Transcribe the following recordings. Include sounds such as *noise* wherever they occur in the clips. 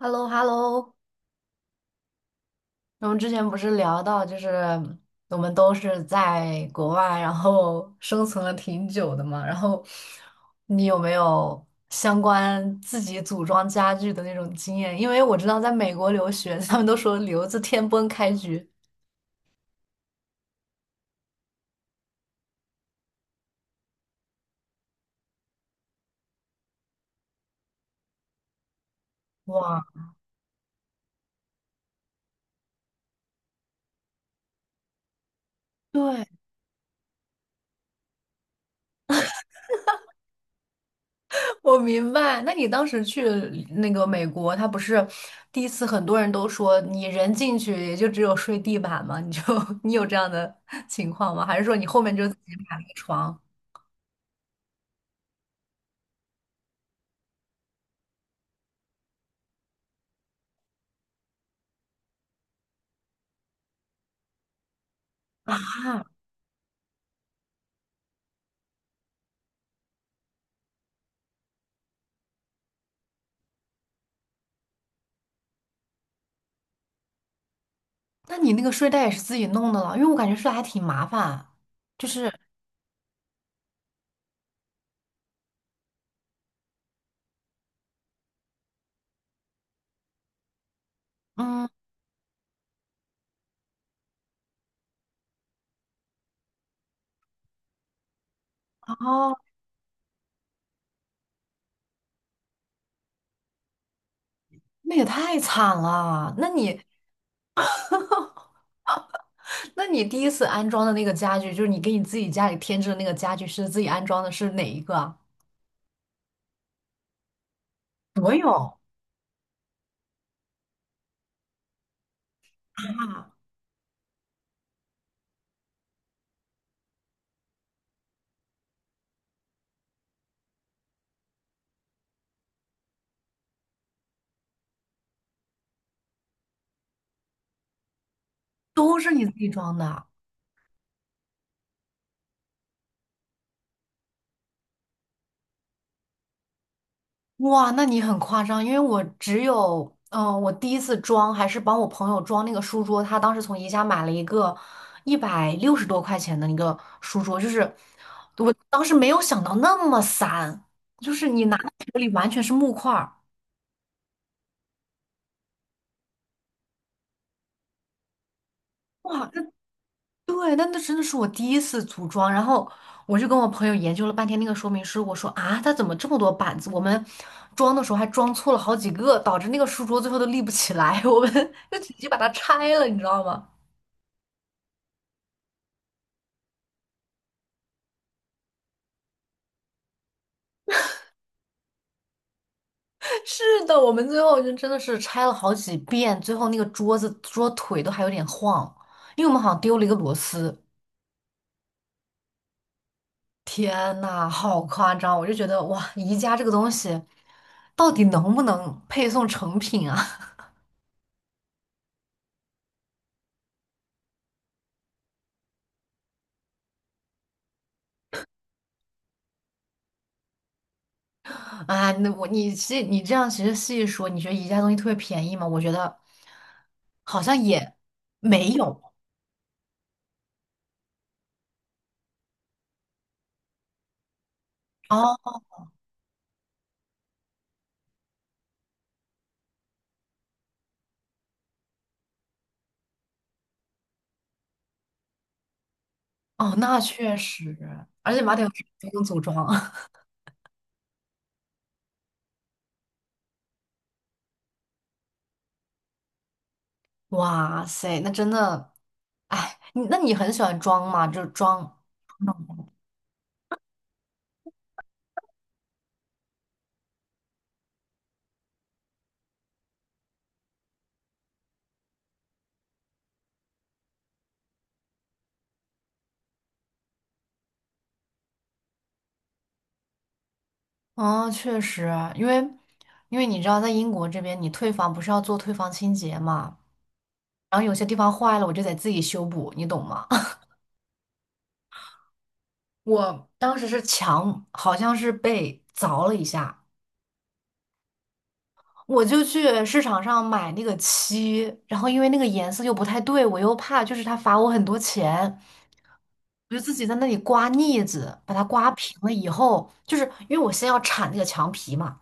h e l l o h e l l o 我们之前不是聊到，就是我们都是在国外，然后生存了挺久的嘛。然后你有没有相关自己组装家具的那种经验？因为我知道在美国留学，他们都说留子天崩开局。哇，对，我明白，那你当时去那个美国，他不是第一次，很多人都说你人进去也就只有睡地板吗？你就 *laughs* 你有这样的 *laughs* 情况吗？还是说你后面就自己买了个床啊？那你那个睡袋也是自己弄的了？因为我感觉睡袋还挺麻烦，就是。嗯。哦，那也太惨了。那你第一次安装的那个家具，就是你给你自己家里添置的那个家具，是自己安装的，是哪一个啊？所有都是你自己装的啊。哇，那你很夸张，因为我只有，我第一次装还是帮我朋友装那个书桌，他当时从宜家买了一个160多块钱的一个书桌，就是我当时没有想到那么散，就是你拿到手里完全是木块儿。哇，那对，那真的是我第一次组装，然后我就跟我朋友研究了半天那个说明书，我说啊，它怎么这么多板子？我们装的时候还装错了好几个，导致那个书桌最后都立不起来，我们 *laughs* 就直接把它拆了，你知道吗？是的，我们最后就真的是拆了好几遍，最后那个桌子桌腿都还有点晃，因为我们好像丢了一个螺丝。天呐，好夸张！我就觉得哇，宜家这个东西到底能不能配送成品啊？*laughs* 啊，那我你这样其实细一说，你觉得宜家东西特别便宜吗？我觉得好像也没有。哦哦，那确实，而且马桶是不用组装啊。*laughs* 哇塞，那真的，哎，你很喜欢装吗？就是装，哦，确实，因为你知道，在英国这边，你退房不是要做退房清洁嘛，然后有些地方坏了，我就得自己修补，你懂吗？*laughs* 我当时是墙，好像是被凿了一下，我就去市场上买那个漆，然后因为那个颜色又不太对，我又怕就是他罚我很多钱，我就自己在那里刮腻子，把它刮平了以后，就是因为我先要铲那个墙皮嘛，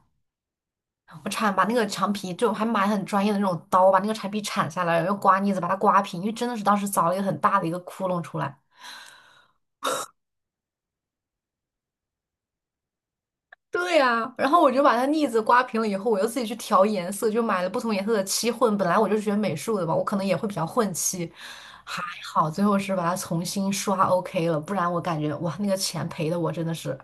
把那个墙皮就还买很专业的那种刀，把那个墙皮铲下来，然后刮腻子把它刮平，因为真的是当时凿了一个很大的一个窟窿出来。对呀、然后我就把它腻子刮平了以后，我又自己去调颜色，就买了不同颜色的漆混。本来我就学美术的嘛，我可能也会比较混漆，还好最后是把它重新刷 OK 了，不然我感觉哇，那个钱赔的我真的是，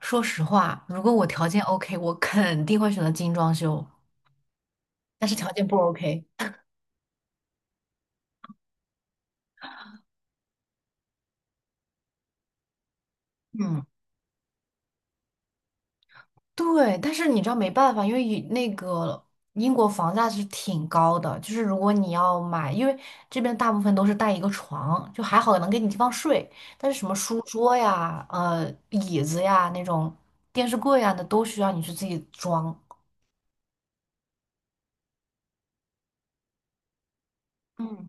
说实话，如果我条件 OK,我肯定会选择精装修，但是条件不 OK,嗯。对，但是你知道没办法，因为以那个英国房价是挺高的，就是如果你要买，因为这边大部分都是带一个床，就还好能给你地方睡，但是什么书桌呀、呃椅子呀那种电视柜啊，那都需要你去自己装。嗯，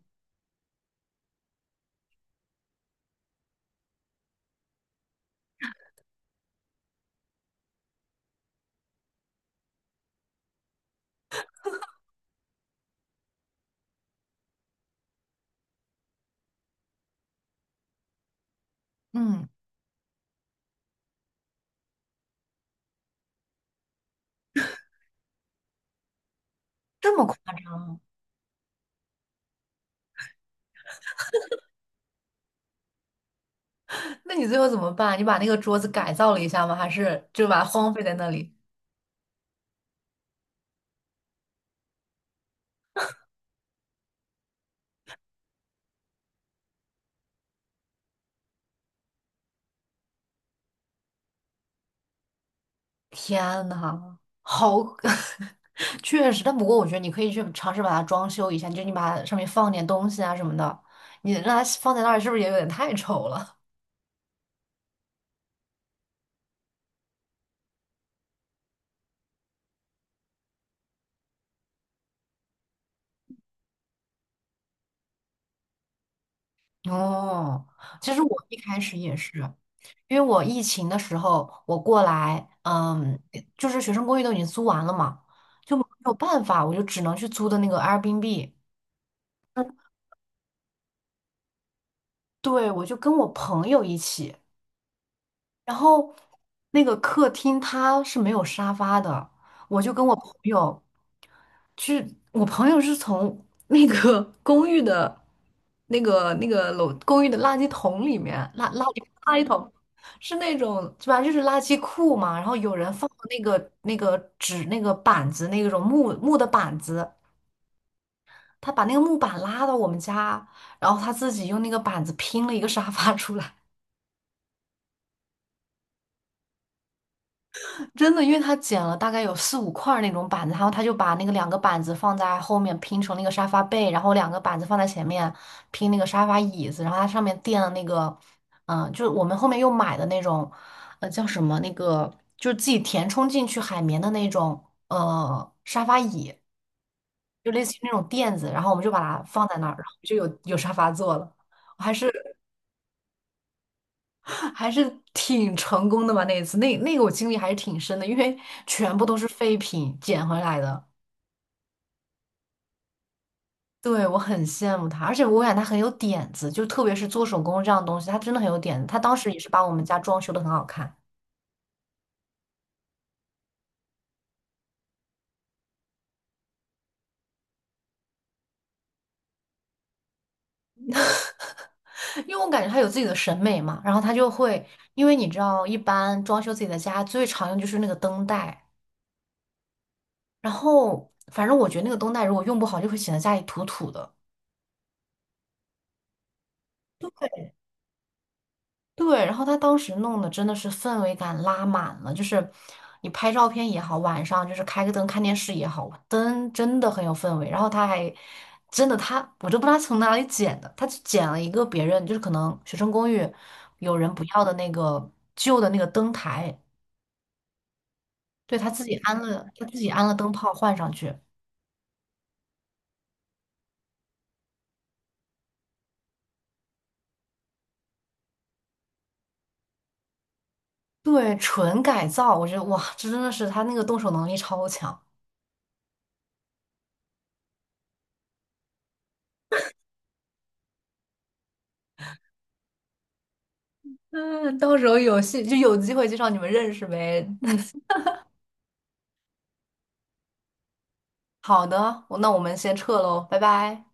嗯，这么夸张吗？*laughs* 那你最后怎么办？你把那个桌子改造了一下吗？还是就把它荒废在那里？天呐，好，*laughs* 确实，但不过我觉得你可以去尝试把它装修一下，就是你把它上面放点东西啊什么的，你让它放在那儿是不是也有点太丑了？*laughs* 哦，其实我一开始也是，因为我疫情的时候我过来，嗯，就是学生公寓都已经租完了嘛，就没有办法，我就只能去租的那个 Airbnb,对，我就跟我朋友一起。然后那个客厅它是没有沙发的，我就跟我朋友去，我朋友是从那个 *laughs* 公寓的那个楼公寓的垃圾桶里面，垃圾桶是那种，反正就是垃圾库嘛，然后有人放了那个那个纸那个板子那种木木的板子。他把那个木板拉到我们家，然后他自己用那个板子拼了一个沙发出来。真的，因为他剪了大概有四五块儿那种板子，然后他就把那个两个板子放在后面拼成那个沙发背，然后两个板子放在前面拼那个沙发椅子，然后它上面垫了那个，就是我们后面又买的那种，叫什么那个，就是自己填充进去海绵的那种，沙发椅，就类似于那种垫子，然后我们就把它放在那儿，然后就有沙发坐了。我还是挺成功的吧？那一次，那那个我经历还是挺深的，因为全部都是废品捡回来的。对，我很羡慕他，而且我感觉他很有点子，就特别是做手工这样的东西，他真的很有点子。他当时也是把我们家装修的很好看，*laughs* 因为我感觉他有自己的审美嘛。然后他就会，因为你知道，一般装修自己的家最常用就是那个灯带，然后反正我觉得那个灯带如果用不好，就会显得家里土土的。对，然后他当时弄的真的是氛围感拉满了，就是你拍照片也好，晚上就是开个灯看电视也好，灯真的很有氛围。然后他还真的他，我都不知道他从哪里捡的，他就捡了一个别人就是可能学生公寓有人不要的那个旧的那个灯台，对，他自己安了，他自己安了灯泡换上去，对，纯改造，我觉得哇，这真的是他那个动手能力超强。嗯，到时候有戏就有机会介绍你们认识呗。好的，我们先撤喽，拜拜。